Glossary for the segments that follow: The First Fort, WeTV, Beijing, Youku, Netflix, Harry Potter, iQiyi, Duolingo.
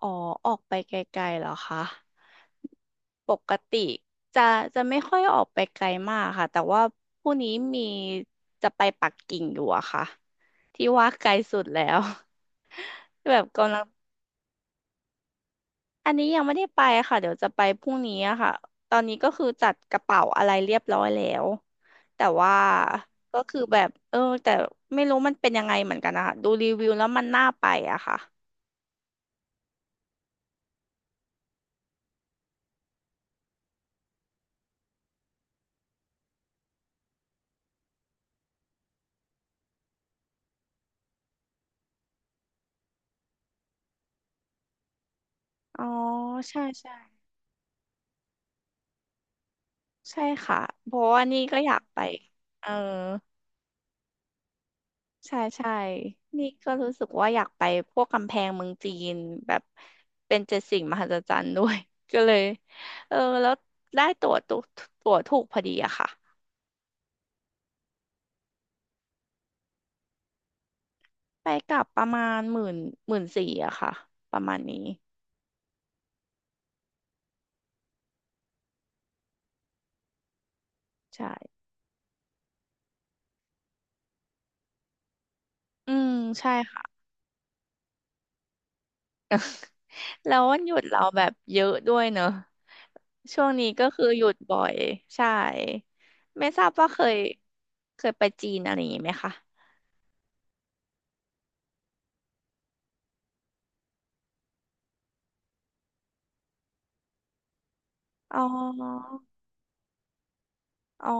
อ๋อออกไปไกลๆเหรอคะ ปกติจะจะไม่ค่อยออกไปไกลมากค่ะแต่ว่าพรุ่งนี้มีจะไปปักกิ่งอยู่อะค่ะที่ว่าไกลสุดแล้ว แบบกำลังอันนี้ยังไม่ได้ไปค่ะเดี๋ยวจะไปพรุ่งนี้อะค่ะตอนนี้ก็คือจัดกระเป๋าอะไรเรียบร้อยแล้วแต่ว่าก็คือแบบเออแต่ไม่รู้มันเป็นยังไงเหมือนกันนะคะดูรีวิวแล้วมันน่าไปอะค่ะอ๋อใช่ใช่ ใช่ค่ะเพราะว่านี่ก็อยากไปเออใช่ใช่นี่ก็รู้สึกว่าอยากไปพวกกำแพงเมืองจีนแบบเป็นเจ็ดสิ่งมหัศจรรย์ด้วย ก็เลยเออแล้วได้ตั๋วถูกพอดีอะค่ะไปกลับประมาณหมื่นสี่อะค่ะประมาณนี้ใช่อืมใช่ค่ะแล้ววันหยุดเราแบบเยอะด้วยเนอะช่วงนี้ก็คือหยุดบ่อยใช่ไม่ทราบว่าเคยเคยไปจีนอะไรอย่างนี้ไหมคะ อ๋ออ๋อ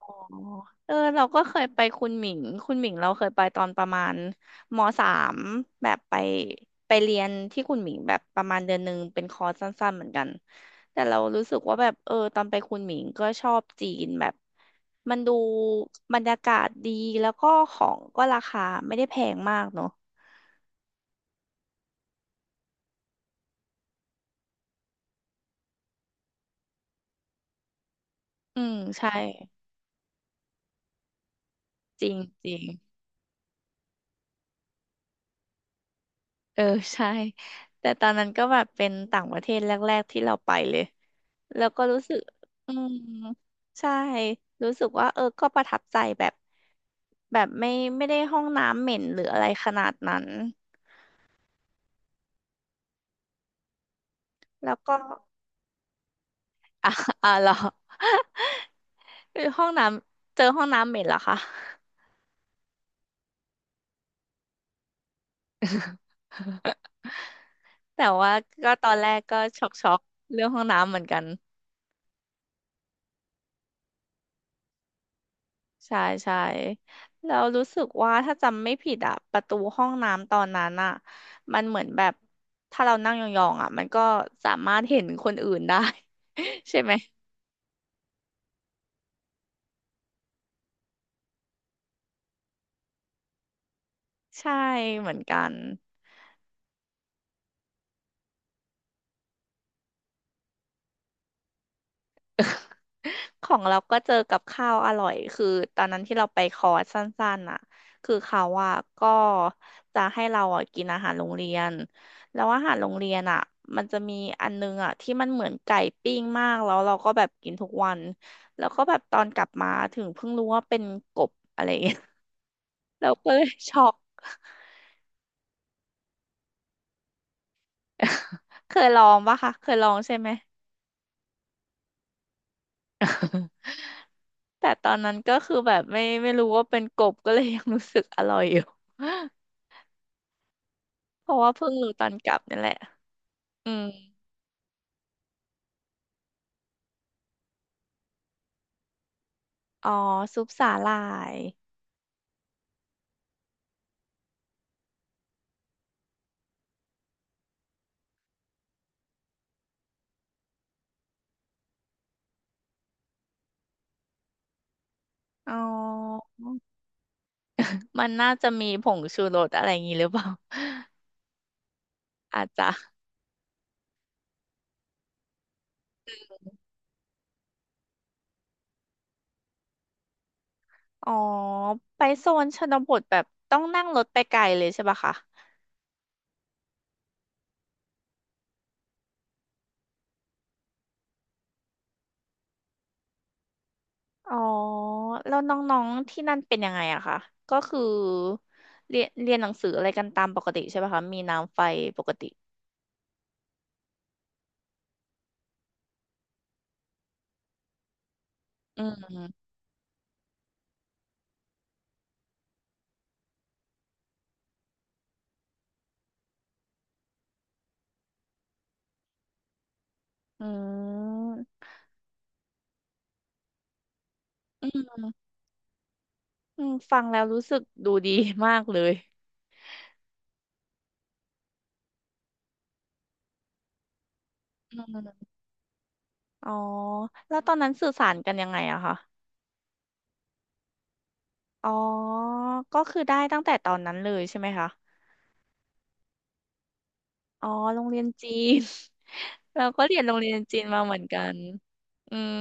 อ๋อเออเราก็เคยไปคุณหมิงคุณหมิงเราเคยไปตอนประมาณมสามแบบไปไปเรียนที่คุณหมิงแบบประมาณเดือนหนึ่งเป็นคอร์สสั้นๆเหมือนกันแต่เรารู้สึกว่าแบบเออตอนไปคุณหมิงก็ชอบจีนแบบมันดูบรรยากาศดีแล้วก็ของก็ราคาไม่ได้แพงมากเนอะอืมใช่จริงจริงเออใช่แต่ตอนนั้นก็แบบเป็นต่างประเทศแรกๆที่เราไปเลย แล้วก็รู้สึกอืมใช่ รู้สึกว่าเออก็ประทับใจแบบ แบบไม่ได้ห้องน้ำเหม็นหรืออะไรขนาดนั้น แล้วก็ อ่ะอ่ะเหรอ คือห้องน้ำเจอห้องน้ำเหม็นเหรอคะ แต่ว่าก็ตอนแรกก็ช็อกช็อกเรื่องห้องน้ำเหมือนกัน ใช่ใช่แล้วรู้สึกว่าถ้าจำไม่ผิดอะประตูห้องน้ำตอนนั้นอะมันเหมือนแบบถ้าเรานั่งยองๆอะมันก็สามารถเห็นคนอื่นได้ ใช่ไหมใช่เหมือนกัน ของเราก็เจอกับข้าวอร่อยคือตอนนั้นที่เราไปคอร์สสั้นๆน่ะคือเขาอ่ะก็จะให้เราอ่ะกินอาหารโรงเรียนแล้วอาหารโรงเรียนอ่ะมันจะมีอันนึงอ่ะที่มันเหมือนไก่ปิ้งมากแล้วเราก็แบบกินทุกวันแล้วก็แบบตอนกลับมาถึงเพิ่งรู้ว่าเป็นกบอะไรอย่างเงี้ย เราก็เลยช็อก เคยลองปะคะเคยลองใช่ไหม แต่ตอนนั้นก็คือแบบไม่รู้ว่าเป็นกบก็เลยยังรู้สึกอร่อยอยู่ เพราะว่าเพิ่งรู้ตอนกลับนั่นแหละอืมอ๋อซุปสาหร่ายอ๋อ มันน่าจะมีผงชูรสอะไรอย่างงี้หรือเปล่า อาจจะอ๋อไปโซนชนบทแบบต้องนั่งรถไปไกลเลยใช่ปะคะ อ๋อแล้วน้องๆที่นั่นเป็นยังไงอะคะ ก็คือเรียนเรียนหนังสืออะไรกันตามปกติใช่ปะคะ มีน้ำไฟปกติ อืม อืมอืมอืมฟังแล้วรู้สึกดูดีมากเลยอืม อ๋อแล้วตอนนั้นสื่อสารกันยังไงอะคะอ๋อก็คือได้ตั้งแต่ตอนนั้นเลยใช่ไหมคะอ๋อโรงเรียนจีน เราก็เรียนโรงเรียนจีนมาเหมือนกันอืม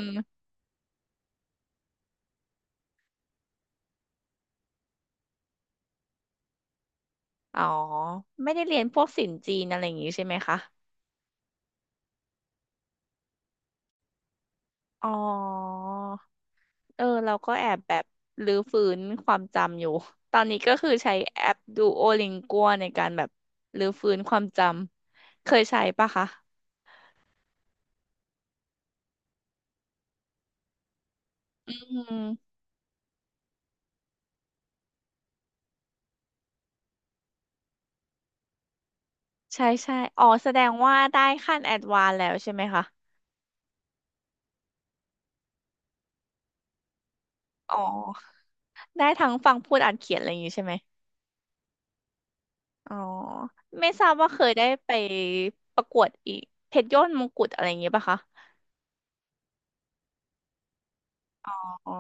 อ๋อไม่ได้เรียนพวกศิลป์จีนอะไรอย่างงี้ใช่ไหมคะอ๋อเออเราก็แอบแบบรื้อฟื้นความจำอยู่ตอนนี้ก็คือใช้แอปดูโอลิงกัวในการแบบรื้อฟื้นความจำ เคยใช้ปะคะอืม ใช่ใช่อ๋อแสดงว่าได้ขั้นแอดวานแล้วใช่ไหมคะอ๋อ ได้ทั้งฟังพูดอ่านเขียนอะไรอย่างงี้ใช่ไหมอ๋อ ไม่ทราบว่าเคยได้ไปประกวดอีกเพชรยอดมงกุฎอะไรอย่างงี้ป่ะคะอ๋อ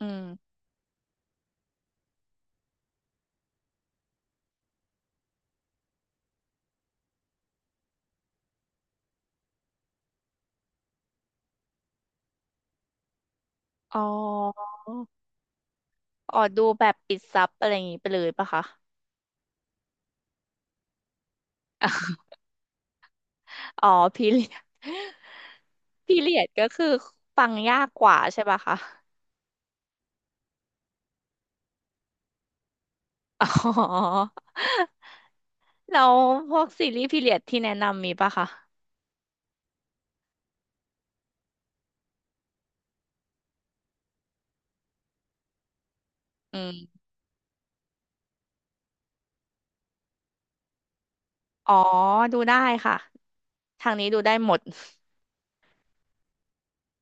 อืมอ๋ออ๋อดูแบบปิดซับอะไรอย่างงี้ไปเลยป่ะคะอ๋อพีเรียด พีเรียดก็คือฟังยากกว่าใช่ป่ะคะอ๋อ แล้วพวกซีรีส์พีเรียดที่แนะนำมีป่ะคะอืม อ๋อดูได้ค่ะ ทางนี้ดูได้หมด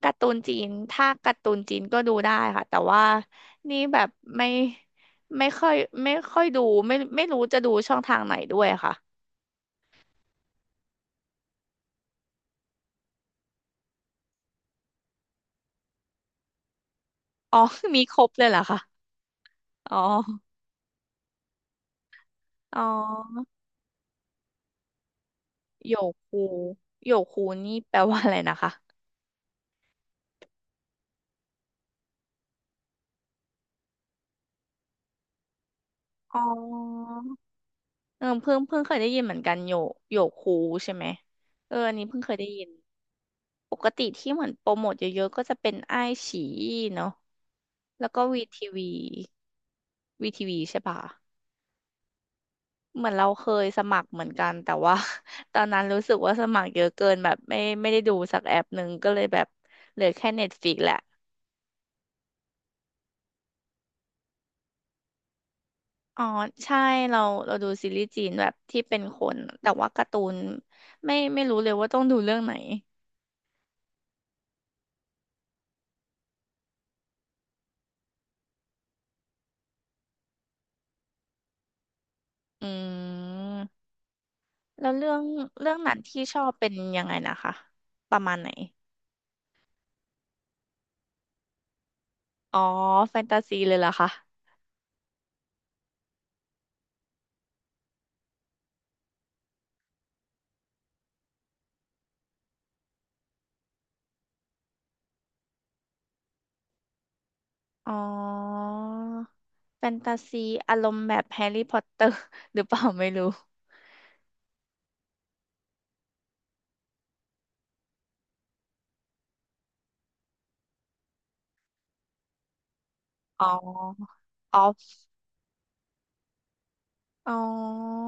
การ์ตูนจีน ถ้าการ์ตูนจีนก็ดูได้ค่ะ แต่ว่านี่แบบไม่ไม่ค่อยไม่ค่อยดูไม่รู้จะดูช่องทางไหนด้วยค่ะอ๋อ มีครบเลยเหรอคะอ๋ออ๋อโยคูโยคูนี่แปลว่าอะไรนะคะอ๋อเออเพิ่งเคยได้ยินเหมือนกันโยคูใช่ไหมเอออันนี้เพิ่งเคยได้ยิน ปกติที่เหมือนโปรโมทเยอะๆก็จะเป็นอ้ายฉีเนาะ แล้วก็วีทีวีวีทีวีใช่ปะเหมือนเราเคยสมัครเหมือนกันแต่ว่า ตอนนั้นรู้สึกว่าสมัครเยอะเกินแบบไม่ไม่ได้ดูสักแอปหนึ่งก็เลยแบบเหลือแค่เน็ตฟ i ิกแหละอ๋อใช่เราเราดูซีรีส์จีนแบบที่เป็นคนแต่ว่าการ์ตูนไม่รู้เลยว่าต้องดูเรื่องไหนอืมแล้วเรื่องหนังที่ชอบเป็นยังไงนะคะประมาณไหนอ๋อแฟนตาซีเลยเหรอคะ อ๋อแฟนตาซีอารมณ์แบบแฮร์รี่พอตเตอร์ หรือเปล่าไม่รู้อ๋อออฟอ๋อ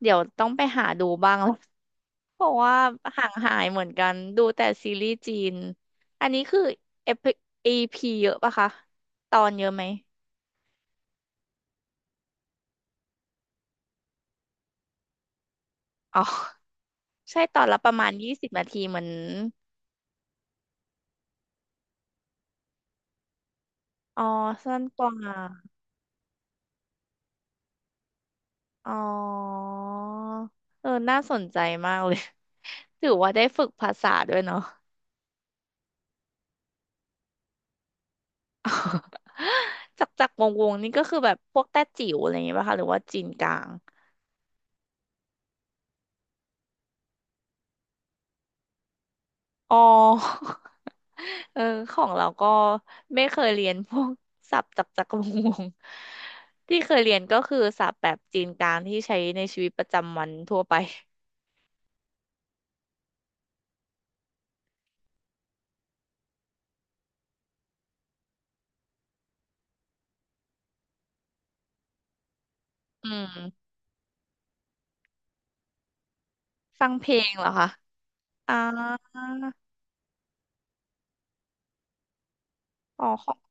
เดี๋ยวต้องไปหาดูบ้าง แล้ว เพราะว่าห่างหายเหมือนกันดูแต่ซีรีส์จีนอันนี้คือเอพีเยอะปะคะตอนเยอะไหมอ๋อใช่ตอนละประมาณ20นาทีเหมือนอ๋อสั้นกว่า อ๋อเออน่าสนใจมากเลย ถือว่าได้ฝึกภาษาด้วยเนาะ จากจากวงนี่ก็คือแบบพวกแต้จิ๋วอะไรอย่างเงี้ยป่ะคะ หรือว่าจีนกลาง อ๋อ เออของเราก็ไม่เคยเรียนพวกศัพท์จากจากวง ที่เคยเรียนก็คือศัพท์แบบจีนกลางที่ใช้ในชีวิตประจำวันทั่วไป อืมฟังเพลงเหรอคะอ่าอ๋อ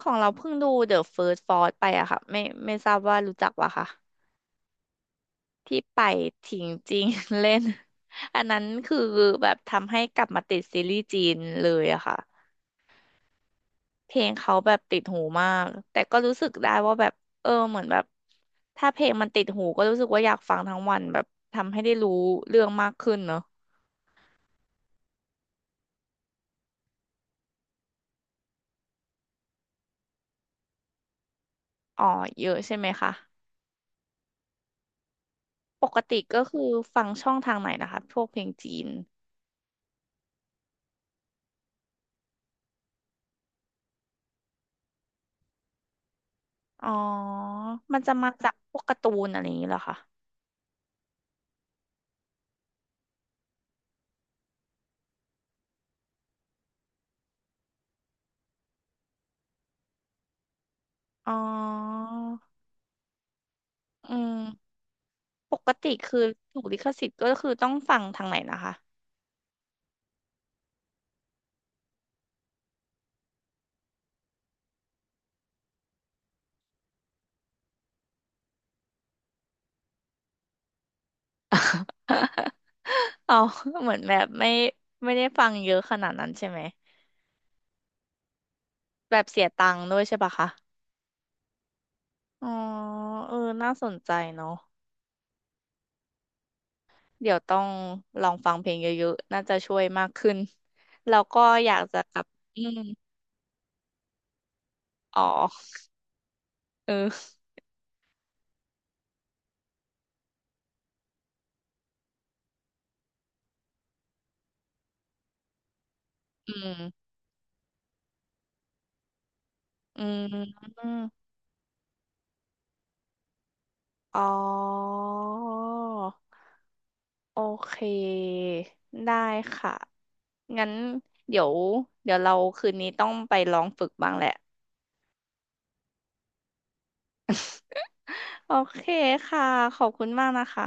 ของเราเพิ่งดู The First Fort ไปอะค่ะไม่ทราบว่ารู้จักวะค่ะที่ไปถิงจริง เล่น อันนั้นคือแบบทำให้กลับมาติดซีรีส์จีนเลยอะค่ะเพลงเขาแบบติดหูมากแต่ก็รู้สึกได้ว่าแบบเออเหมือนแบบถ้าเพลงมันติดหูก็รู้สึกว่าอยากฟังทั้งวันแบบทำให้ได้รู้เรื่องมากขึ้นเนอะอ๋อเยอะใช่ไหมคะปกติก็คือฟังช่องทางไหนนะคะพวกเพลงจีนอ๋อมันจะมาจากพวกการ์ตูนอะไรอย่างนี้เหรอคะ อ๋ออืมปกติคือถูกลิขสิทธิ์ก็คือต้องฟังทางไหนนะคะ เรา เหมือนแบบไม่ได้ฟังเยอะขนาดนั้นใช่ไหม แบบเสียตังค์ด้วยใช่ปะคะอ๋อเออน่าสนใจเนาะเดี๋ยวต้องลองฟังเพลงเยอะๆน่าจะช่วยมากขึ้นแล้วก็อยากจะกลับอืมอ๋อเอออืมอืมอ๋อโอเค ได้ค่ะ งั้นเดี๋ยวเดี๋ยวเราคืนนี้ต้องไปลองฝึกบ้างแหละโอเคค่ะขอบคุณมากนะคะ